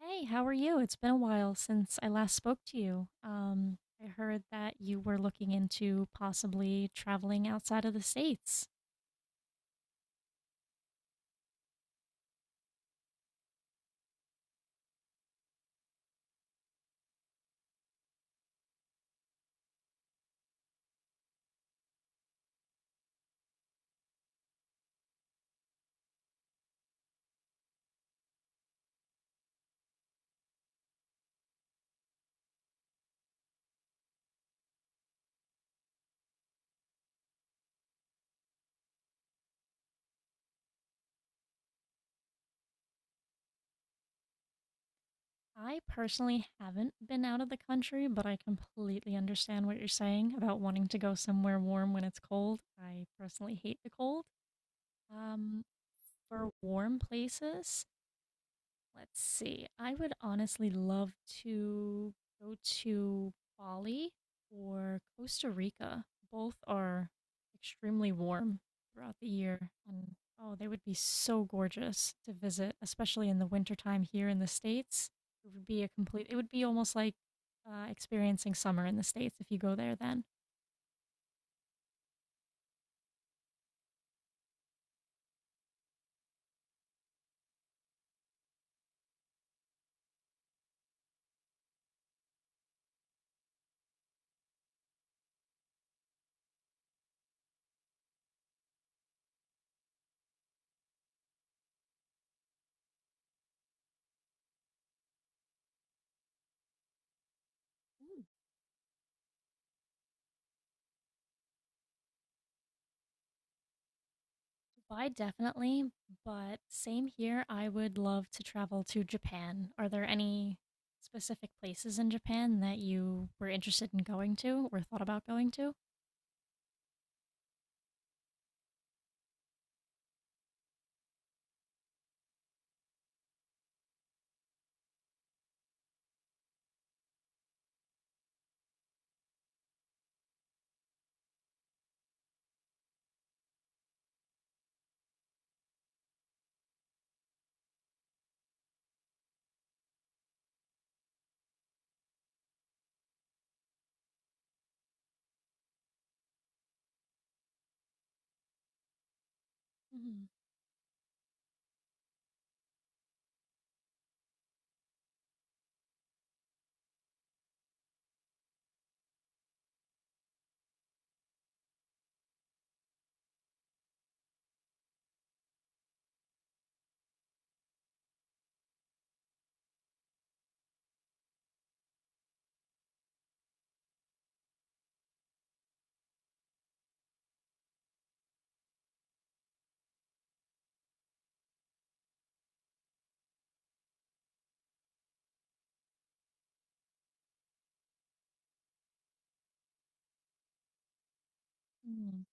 Hey, how are you? It's been a while since I last spoke to you. I heard that you were looking into possibly traveling outside of the States. I personally haven't been out of the country, but I completely understand what you're saying about wanting to go somewhere warm when it's cold. I personally hate the cold. Um, for warm places, let's see. I would honestly love to go to Bali or Costa Rica. Both are extremely warm throughout the year. And oh, they would be so gorgeous to visit, especially in the wintertime here in the States. It would be a complete, it would be almost like experiencing summer in the States if you go there then. Why, definitely, but same here. I would love to travel to Japan. Are there any specific places in Japan that you were interested in going to or thought about going to? Mhm. Mm.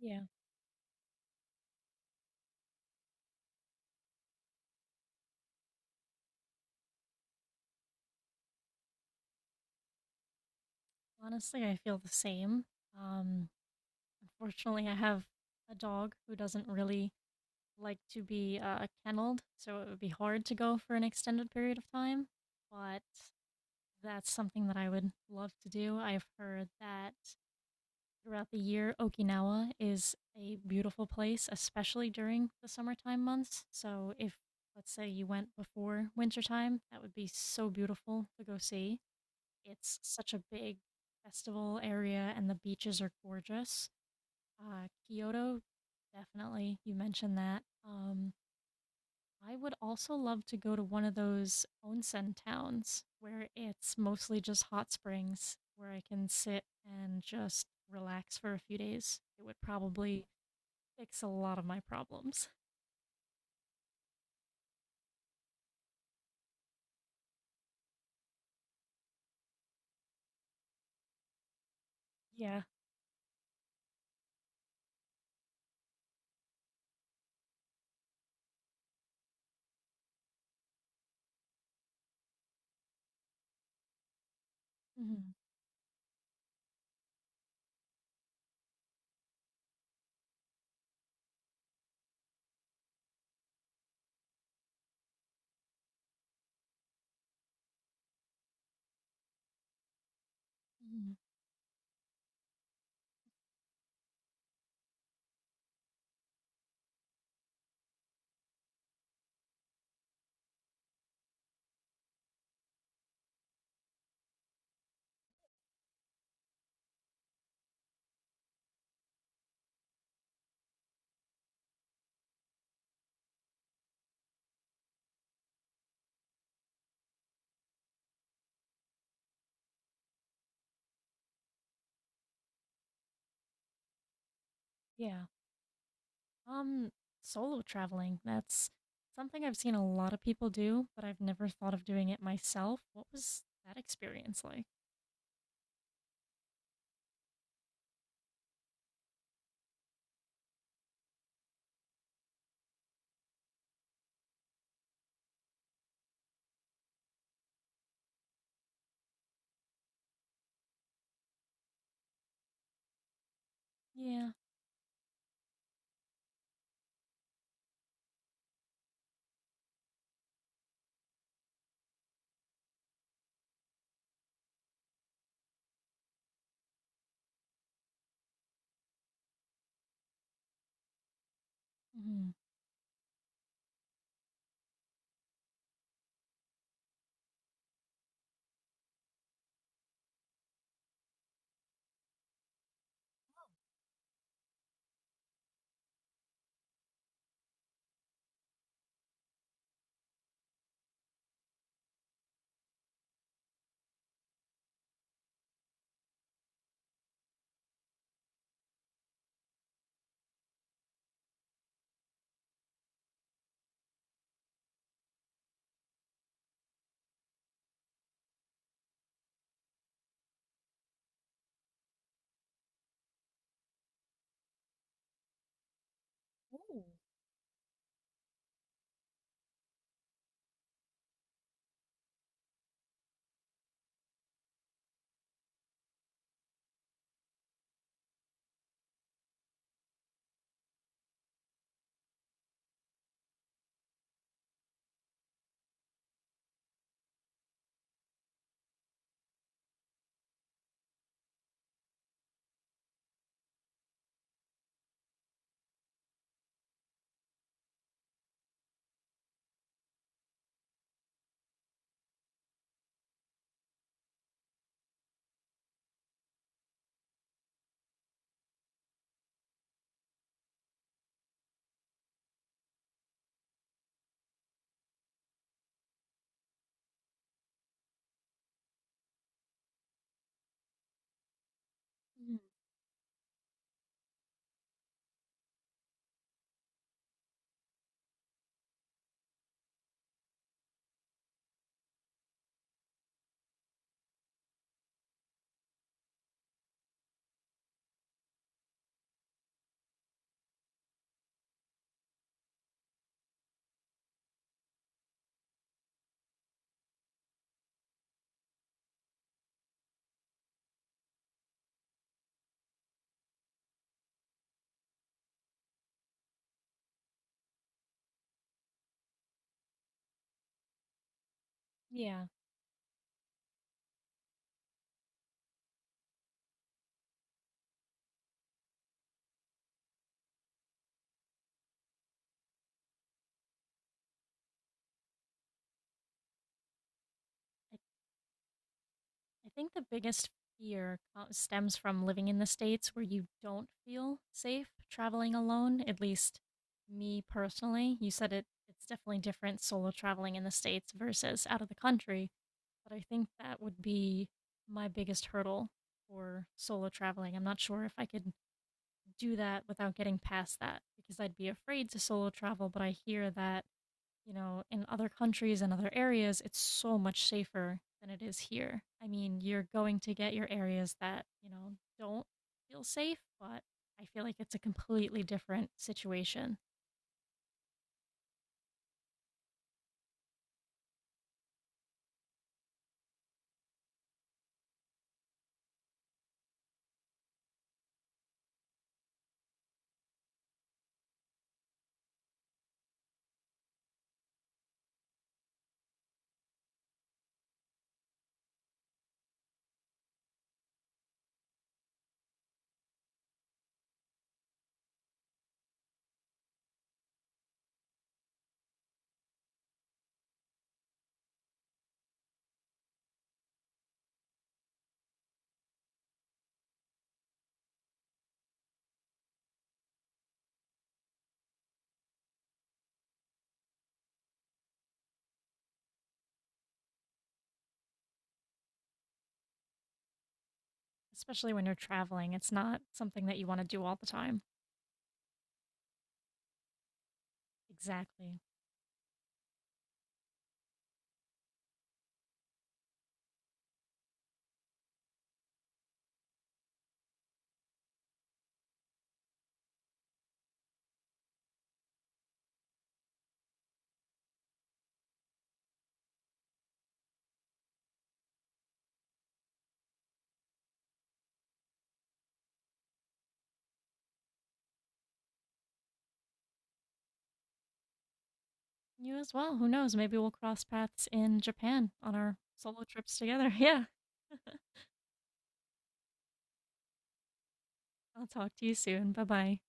Yeah. Honestly, I feel the same. Um, unfortunately, I have a dog who doesn't really like to be kenneled, so it would be hard to go for an extended period of time. But that's something that I would love to do. I've heard that throughout the year. Okinawa is a beautiful place, especially during the summertime months. So if let's say you went before wintertime, that would be so beautiful to go see. It's such a big festival area and the beaches are gorgeous. Kyoto, definitely. You mentioned that. I would also love to go to one of those onsen towns where it's mostly just hot springs where I can sit and just relax for a few days. It would probably fix a lot of my problems. Yeah. Mhm. Mhm. Yeah. Um, solo traveling, that's something I've seen a lot of people do, but I've never thought of doing it myself. What was that experience like? Yeah. Mhm. Mhm. Yeah. I I think the biggest fear stems from living in the States where you don't feel safe traveling alone, at least me personally. You said it's definitely different solo traveling in the States versus out of the country, but I think that would be my biggest hurdle for solo traveling. I'm not sure if I could do that without getting past that because I'd be afraid to solo travel, but I hear that you know, in other countries and other areas, it's so much safer than it is here. I mean, you're going to get your areas that, you know, don't feel safe, but I feel like it's a completely different situation, especially when you're traveling. It's not something that you want to do all the time. Exactly. You as well. Who knows? Maybe we'll cross paths in Japan on our solo trips together. Yeah. I'll talk to you soon. Bye bye.